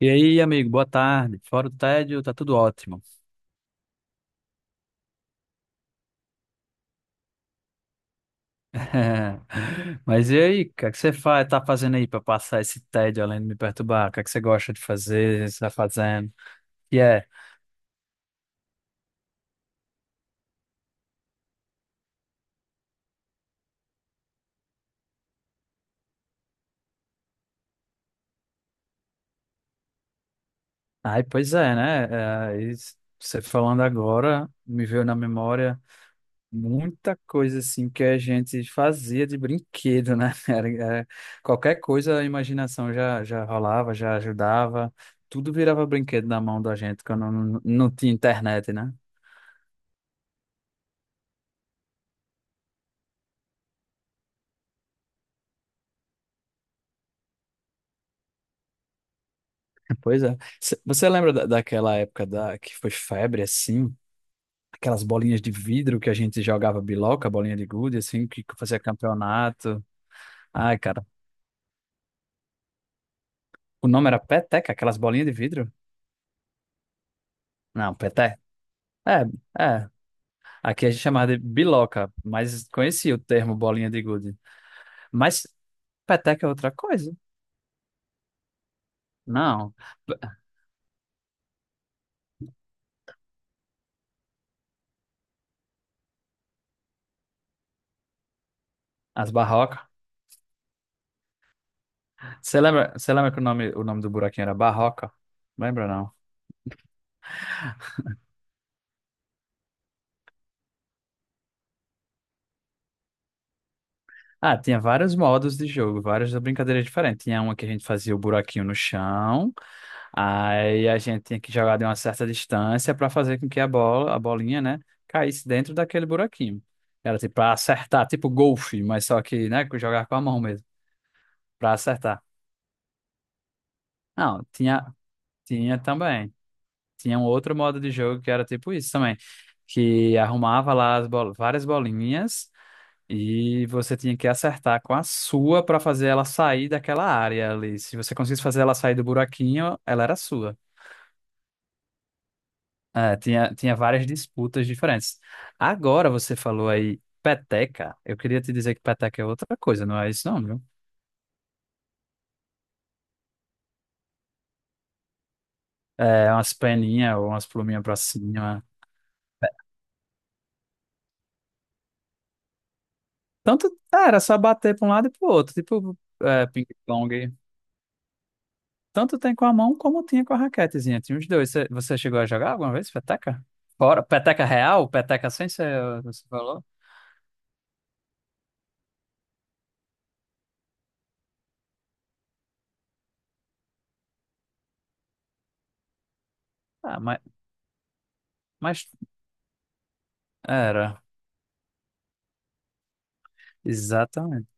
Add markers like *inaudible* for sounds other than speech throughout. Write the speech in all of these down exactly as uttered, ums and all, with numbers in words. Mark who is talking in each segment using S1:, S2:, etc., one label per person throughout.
S1: E aí, amigo, boa tarde. Fora do tédio, tá tudo ótimo. *laughs* Mas e aí, o que é que você faz, tá fazendo aí para passar esse tédio além de me perturbar? O que é que você gosta de fazer? Você tá fazendo? E é. Ai, pois é, né? É, e você falando agora, me veio na memória muita coisa assim que a gente fazia de brinquedo, né? *laughs* Era, era- qualquer coisa, a imaginação já, já rolava, já ajudava. Tudo virava brinquedo na mão da gente quando não, não tinha internet, né? Pois é. C- Você lembra da- daquela época da, que foi febre, assim? Aquelas bolinhas de vidro que a gente jogava biloca, bolinha de gude, assim, que que fazia campeonato. Ai, cara. O nome era peteca, aquelas bolinhas de vidro? Não, peté. É, é. Aqui a gente chamava de biloca, mas conhecia o termo bolinha de gude. Mas peteca é outra coisa. Não. As barrocas. Você lembra, você lembra que o nome, o nome do buraquinho era barroca? Lembra, não? Ah, tinha vários modos de jogo, várias brincadeiras diferentes. Tinha uma que a gente fazia o buraquinho no chão, aí a gente tinha que jogar de uma certa distância para fazer com que a bola, a bolinha, né, caísse dentro daquele buraquinho. Era tipo para acertar, tipo golfe, mas só que, né, que jogar com a mão mesmo, para acertar. Não, tinha, tinha também. Tinha um outro modo de jogo que era tipo isso também, que arrumava lá as bol várias bolinhas. E você tinha que acertar com a sua para fazer ela sair daquela área ali. Se você conseguisse fazer ela sair do buraquinho, ela era sua. É, tinha, tinha várias disputas diferentes. Agora você falou aí peteca. Eu queria te dizer que peteca é outra coisa, não é isso não, viu? É umas peninhas ou umas pluminhas pra cima. Tanto, é, era só bater pra um lado e pro outro, tipo é, ping-pong. Tanto tem com a mão como tinha com a raquetezinha. Tinha os dois. Você, você chegou a jogar alguma vez peteca? Fora, peteca real, peteca sem, você, você falou? Ah, mas, mas era, exatamente.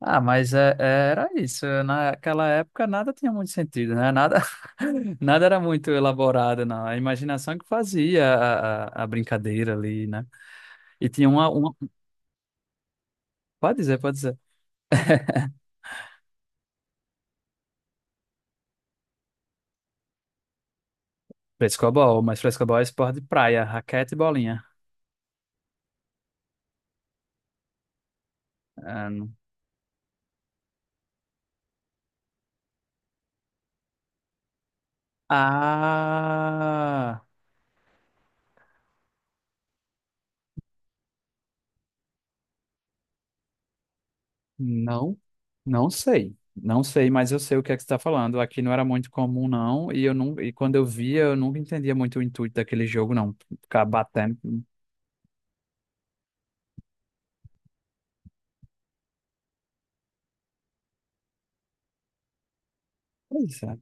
S1: Ah, mas é- é, era isso. Naquela época nada tinha muito sentido, né? Nada, *laughs* nada era muito elaborado, não. A imaginação que fazia a, a, a brincadeira ali, né? E tinha uma, uma... Pode dizer, pode dizer. Frescobol, mas frescobol é esporte de praia, raquete e bolinha. Ah, não. Ah! Não, não sei. Não sei, mas eu sei o que é que você está falando. Aqui não era muito comum, não. E eu não, e quando eu via, eu nunca entendia muito o intuito daquele jogo, não. Ficar batendo. Pois é.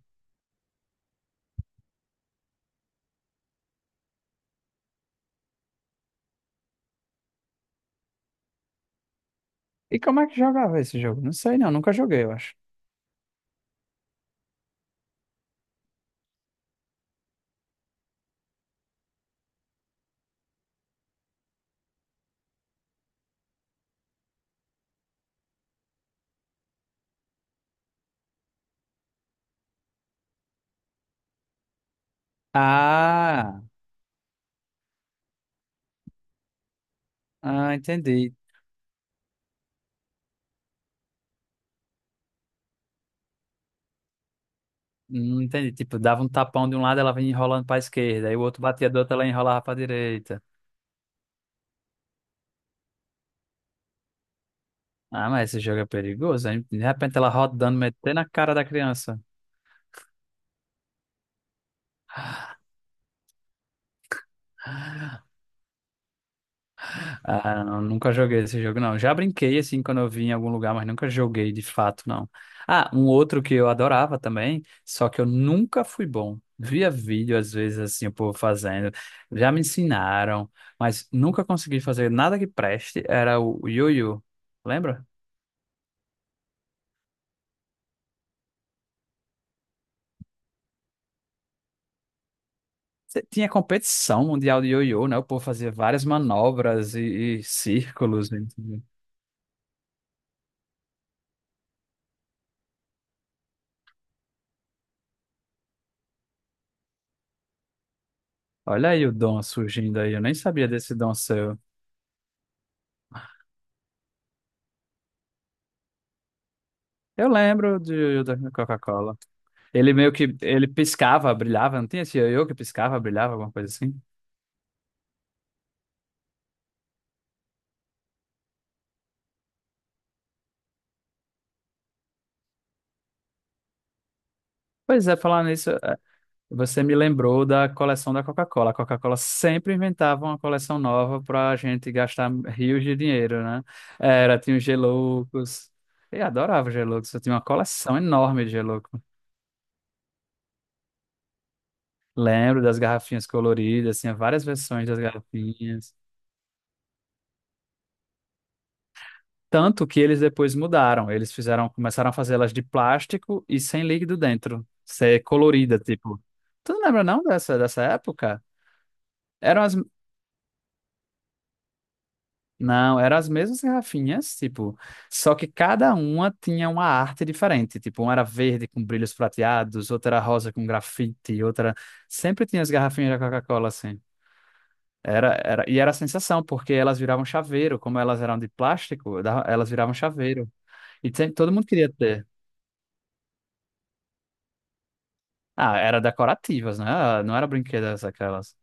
S1: E como é que jogava esse jogo? Não sei, não. Nunca joguei, eu acho. Ah, ah, entendi. Hum, Entendi. Tipo, dava um tapão de um lado, ela vinha enrolando para a esquerda. Aí o outro batia do outro, ela enrolava para a direita. Ah, mas esse jogo é perigoso, hein? De repente ela rodando, metendo na cara da criança. Ah, não, nunca joguei esse jogo, não. Já brinquei assim quando eu vim em algum lugar, mas nunca joguei de fato, não. Ah, um outro que eu adorava também, só que eu nunca fui bom. Via vídeo, às vezes, assim, o povo fazendo. Já me ensinaram, mas nunca consegui fazer nada que preste. Era o o ioiô, lembra? Cê- Tinha competição mundial de ioiô, né? O povo fazia várias manobras e, e círculos. Entendeu? Olha aí o dom surgindo aí. Eu nem sabia desse dom seu. Eu lembro de, ioiô da Coca-Cola. Ele meio que ele piscava, brilhava, não tinha esse ioiô que piscava, brilhava, alguma coisa assim? Pois é, falar nisso, eh, você me lembrou da coleção da Coca-Cola. A Coca-Cola sempre inventava uma coleção nova pra gente gastar rios de dinheiro, né? Era, tinha os Geloucos. Eu adorava os Geloucos, eu tinha uma coleção enorme de Gelouco. Lembro das garrafinhas coloridas, tinha várias versões das garrafinhas. Tanto que eles depois mudaram. Eles fizeram, começaram a fazer elas de plástico e sem líquido dentro. Ser colorida, tipo. Tu não lembra não dessa, dessa época? Eram as, não, eram as mesmas garrafinhas, tipo, só que cada uma tinha uma arte diferente. Tipo, uma era verde com brilhos prateados, outra era rosa com grafite, outra. Sempre tinha as garrafinhas da Coca-Cola, assim. Era, era, e era a sensação, porque elas viravam chaveiro. Como elas eram de plástico, dava- elas viravam chaveiro. E sempre, todo mundo queria ter. Ah, era decorativas, né? Ah, não era brinquedas aquelas.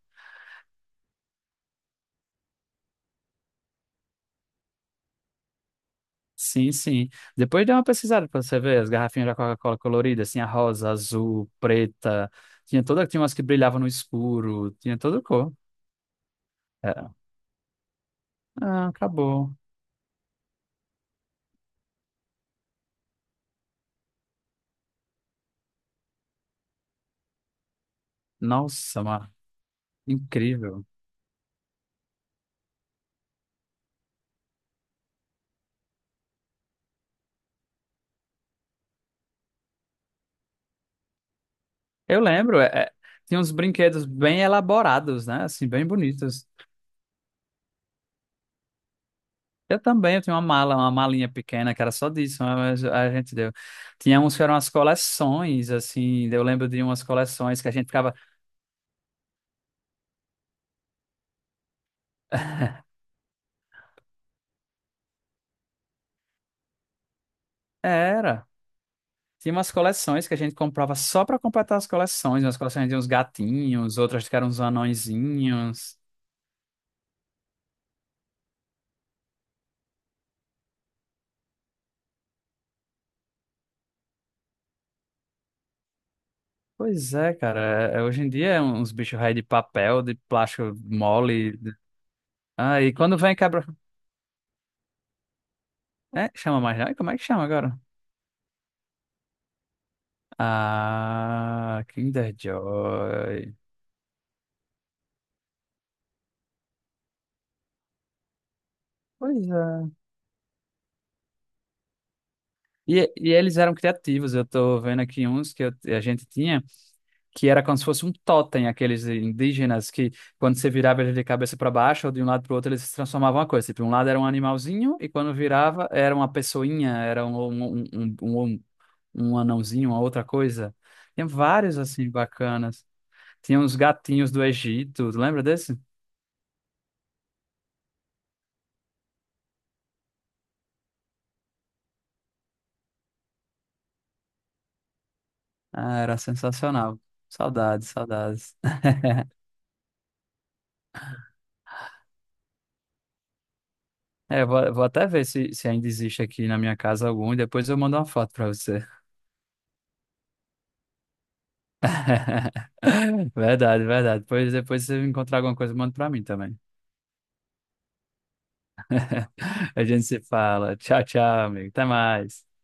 S1: Sim, sim. Depois dei uma pesquisada pra você ver as garrafinhas da Coca-Cola coloridas, tinha rosa, azul, preta, tinha toda, tinha umas que brilhavam no escuro, tinha toda cor. Era. Ah, acabou. Nossa, mano, incrível. Eu lembro, é, é, tinha uns brinquedos bem elaborados, né? Assim, bem bonitos. Eu também, eu tinha uma mala, uma malinha pequena que era só disso, né? Mas a gente deu. Tinha uns que eram as coleções, assim, eu lembro de umas coleções que a gente ficava. Era. Tinha umas coleções que a gente comprava só pra completar as coleções. Umas coleções de uns gatinhos, outras que eram uns anõezinhos. Pois é, cara. É- é- hoje em dia é uns bichos raios de papel, de plástico mole. Ah, e quando vem quebra. É, chama mais não? E como é que chama agora? Ah, Kinder Joy. Pois é. E, e eles eram criativos. Eu tô vendo aqui uns que eu- a gente tinha. Que era como se fosse um totem, aqueles indígenas que, quando você virava ele de cabeça para baixo ou de um lado para o outro, eles se transformavam em uma coisa. Tipo, um lado era um animalzinho e quando virava era uma pessoinha, era um, um, um, um, um um um anãozinho, uma outra coisa. Tinha vários assim bacanas. Tinha uns gatinhos do Egito, tu lembra desse? Ah, era sensacional. Saudades, saudades. *laughs* É, eu vou, vou até ver se, se ainda existe aqui na minha casa algum e depois eu mando uma foto para você. *laughs* Verdade, verdade. Pois depois, se você encontrar alguma coisa, manda pra mim também. *laughs* A gente se fala. Tchau, tchau, amigo. Até mais.